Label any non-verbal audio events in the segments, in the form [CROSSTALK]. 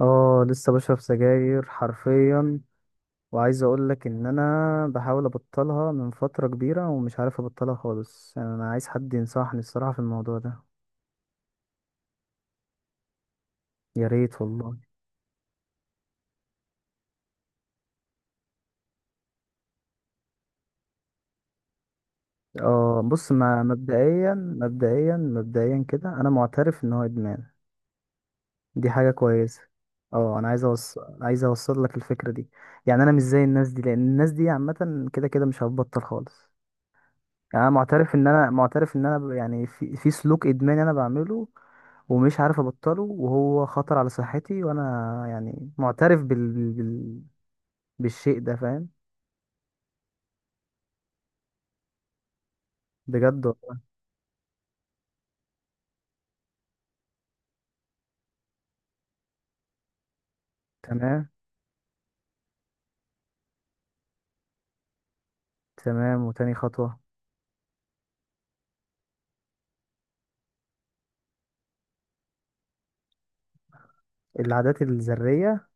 اه، لسه بشرب سجاير حرفيا. وعايز اقول لك ان انا بحاول ابطلها من فترة كبيرة ومش عارف ابطلها خالص. يعني انا عايز حد ينصحني الصراحة في الموضوع ده. يا ريت والله. اه بص، ما مبدئيا كده انا معترف ان هو ادمان. دي حاجة كويسة. اه، انا عايز اوصل لك الفكرة دي. يعني انا مش زي الناس دي، لان الناس دي عامة كده كده مش هتبطل خالص. يعني انا معترف ان انا يعني في سلوك ادماني انا بعمله، ومش عارف ابطله، وهو خطر على صحتي. وانا يعني معترف بالشيء ده، فاهم. بجد والله. تمام. تمام، وتاني خطوة؟ العادات الذرية.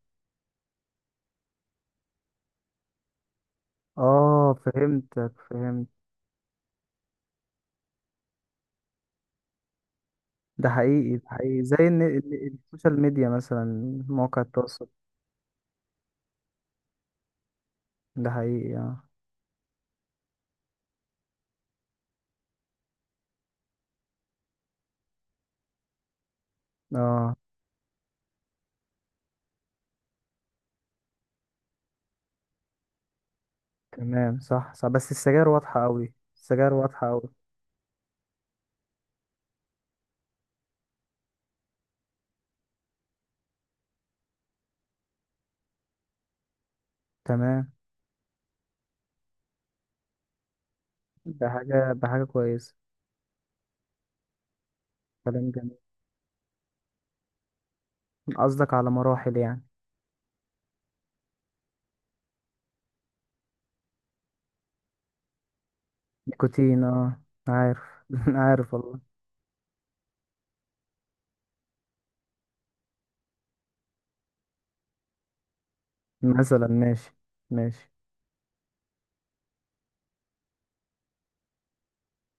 اه فهمتك، فهمت. ده حقيقي، ده حقيقي. زي ان السوشيال ميديا مثلا، مواقع التواصل. ده حقيقي اه. اه تمام، صح صح. بس السجاير واضحة قوي، السجاير واضحة قوي. تمام. ده حاجة كويسة. كلام جميل. قصدك على مراحل يعني؟ نيكوتين اه، عارف. [LAUGHS] عارف والله. مثلا ماشي. ماشي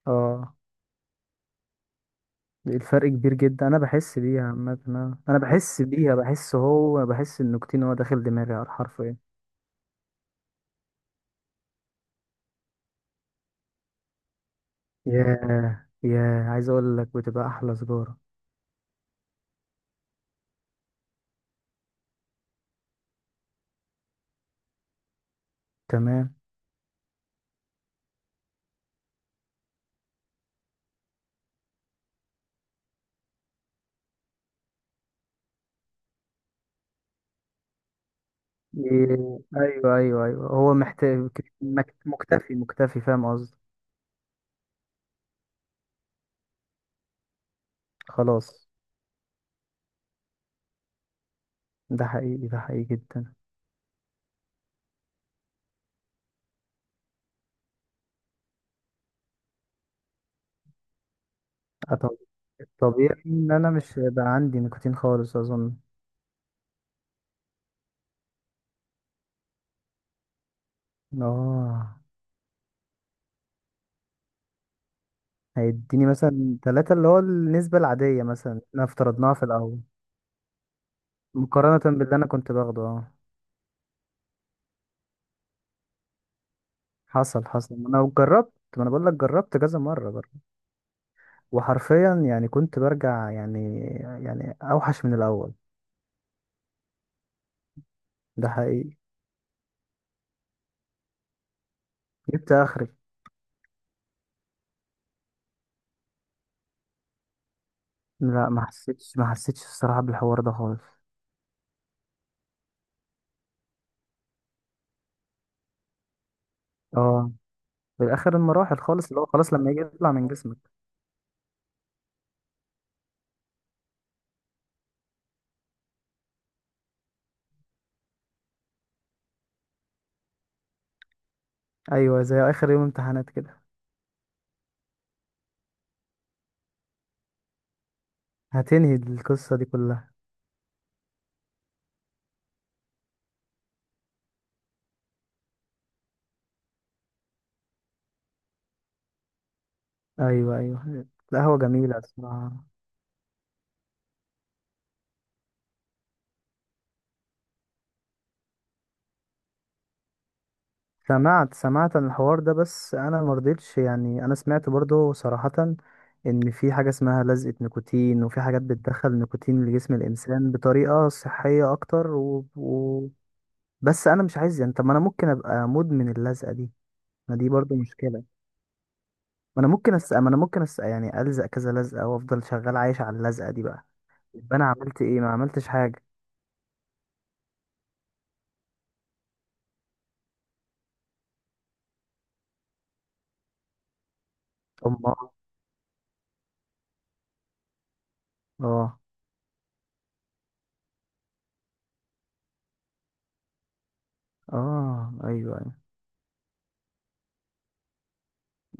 اه. الفرق كبير جدا، انا بحس بيها عامة آه. انا بحس بيها، بحس هو، بحس النيكوتين هو داخل دماغي على الحرف ايه. ياه ياه، عايز اقول لك بتبقى احلى سجارة. تمام. إيه، ايوه ايوه ايوه، هو محتاج. مكتفي مكتفي مكتفي، فاهم قصدي. خلاص. ده حقيقي، ده حقيقي جدا. آه، طبيعي ان انا مش هيبقى عندي نيكوتين خالص اظن. اه، هيديني مثلا ثلاثة، اللي هو النسبة العادية مثلا احنا افترضناها في الاول. مقارنة باللي انا كنت باخده اه. حصل حصل، ما انا جربت. ما انا بقول لك جربت كذا مرة برضه. وحرفيا يعني كنت برجع، يعني يعني اوحش من الاول. ده حقيقي. جبت اخري. لا، ما حسيتش، ما حسيتش الصراحة بالحوار ده خالص. اه، في اخر المراحل خالص، اللي هو خلاص لما يجي يطلع من جسمك. ايوه، زي اخر يوم امتحانات كده. هتنهي القصة دي كلها. أيوة أيوة. القهوة جميلة الصراحة. سمعت، سمعت عن الحوار ده، بس أنا مرضتش. يعني أنا سمعت برضو صراحة إن في حاجة اسمها لزقة نيكوتين، وفي حاجات بتدخل نيكوتين لجسم الإنسان بطريقة صحية أكتر بس أنا مش عايز يعني. طب ما أنا ممكن أبقى مدمن اللزقة دي. ما دي برضو مشكلة. ما أنا ممكن أس... يعني ألزق كذا لزقة وأفضل شغال عايش على اللزقة دي بقى. يبقى أنا عملت إيه؟ ما عملتش حاجة. أم. آه. اه ايوه ايوه.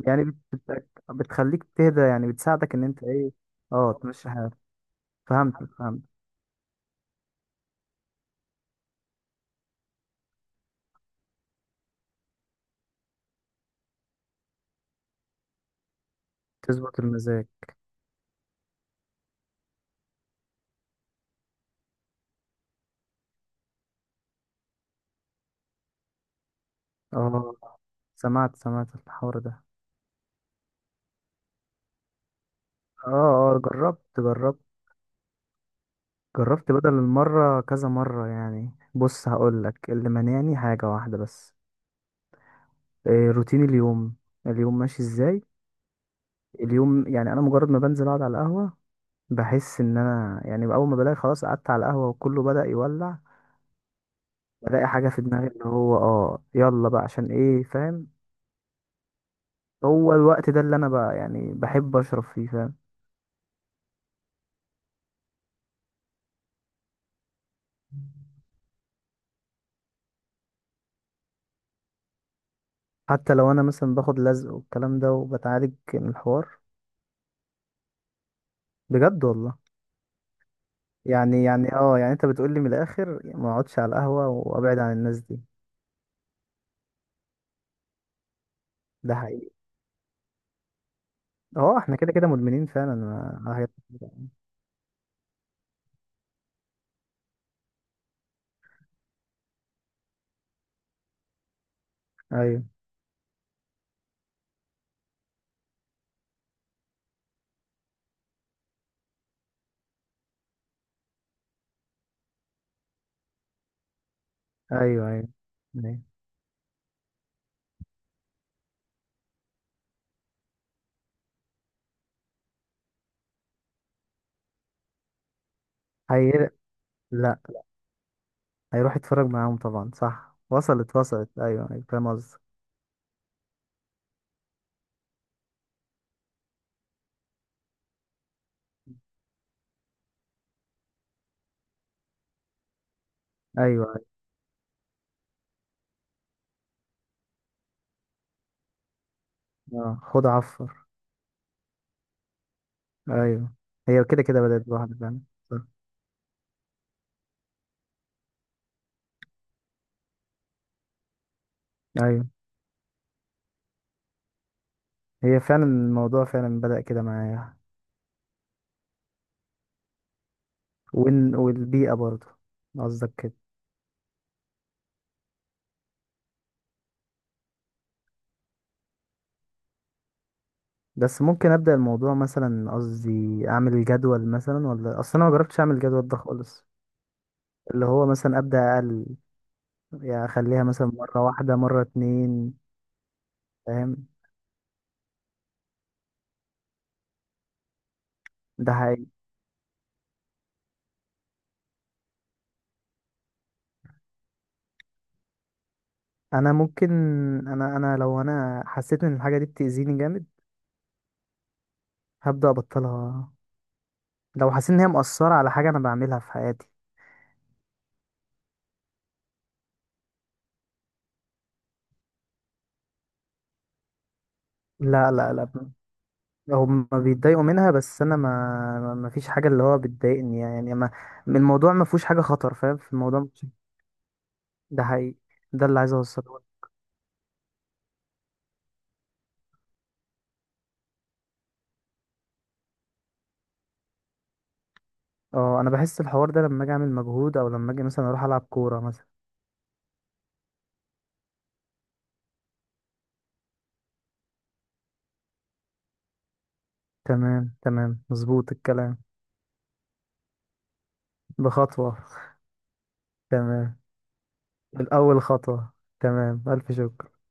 يعني بتخليك تهدى، يعني بتساعدك ان انت ايه. اه، تمشي حالك. فهمت فهمت. تظبط المزاج. اه، سمعت سمعت الحوار ده. اه. اه جربت جربت. جربت بدل المرة كذا مرة يعني. بص هقولك اللي مانعني حاجة واحدة بس. إيه روتين اليوم. اليوم ماشي ازاي. اليوم يعني انا مجرد ما بنزل اقعد على القهوة، بحس ان انا يعني اول ما بلاقي خلاص قعدت على القهوة وكله بدأ يولع. بلاقي حاجة في دماغي اللي هو اه يلا بقى عشان ايه، فاهم. هو الوقت ده اللي انا بقى يعني بحب اشرب فيه، فاهم. حتى لو انا مثلا باخد لزق والكلام ده وبتعالج من الحوار. بجد والله. يعني انت بتقولي من الاخر ما اقعدش على القهوة وابعد عن الناس دي. ده حقيقي. اه احنا كده كده مدمنين فعلا. على حاجات كتير. ايوه ايوه. ايوه ايوه. هي، لا. هيروح يتفرج معاهم طبعا. صح، وصلت وصلت، ايوه ايوه فاهم قصدك. ايوه ايوه. اه خد عفو. ايوه. هي كده كده بدأت لوحدها فعلا. صح. ايوه هي فعلا الموضوع فعلا بدأ كده معايا. والبيئة برضه، قصدك كده. بس ممكن أبدأ الموضوع مثلا، قصدي أعمل جدول مثلا. ولا أصل أنا ما جربتش أعمل جدول ده خالص. اللي هو مثلا أبدأ أقل، يعني أخليها مثلا مرة واحدة، مرة اتنين. فاهم. ده حقيقي. أنا ممكن أنا لو أنا حسيت إن الحاجة دي بتأذيني جامد هبدأ أبطلها. لو حسيت إن هي مؤثرة على حاجة أنا بعملها في حياتي. لا لا لا. هم بيتضايقوا منها، بس انا ما، ما فيش حاجه اللي هو بتضايقني يعني. ما الموضوع ما فيهوش حاجه خطر، فاهم، في الموضوع ما فيش-. [LAUGHS] ده حقيقي. ده اللي عايز اوصله لك. اه انا بحس الحوار ده لما اجي اعمل مجهود، او لما اجي مثلا اروح العب كوره مثلا. تمام تمام، مظبوط الكلام. بخطوه. تمام، الاول خطوه. تمام، الف شكر.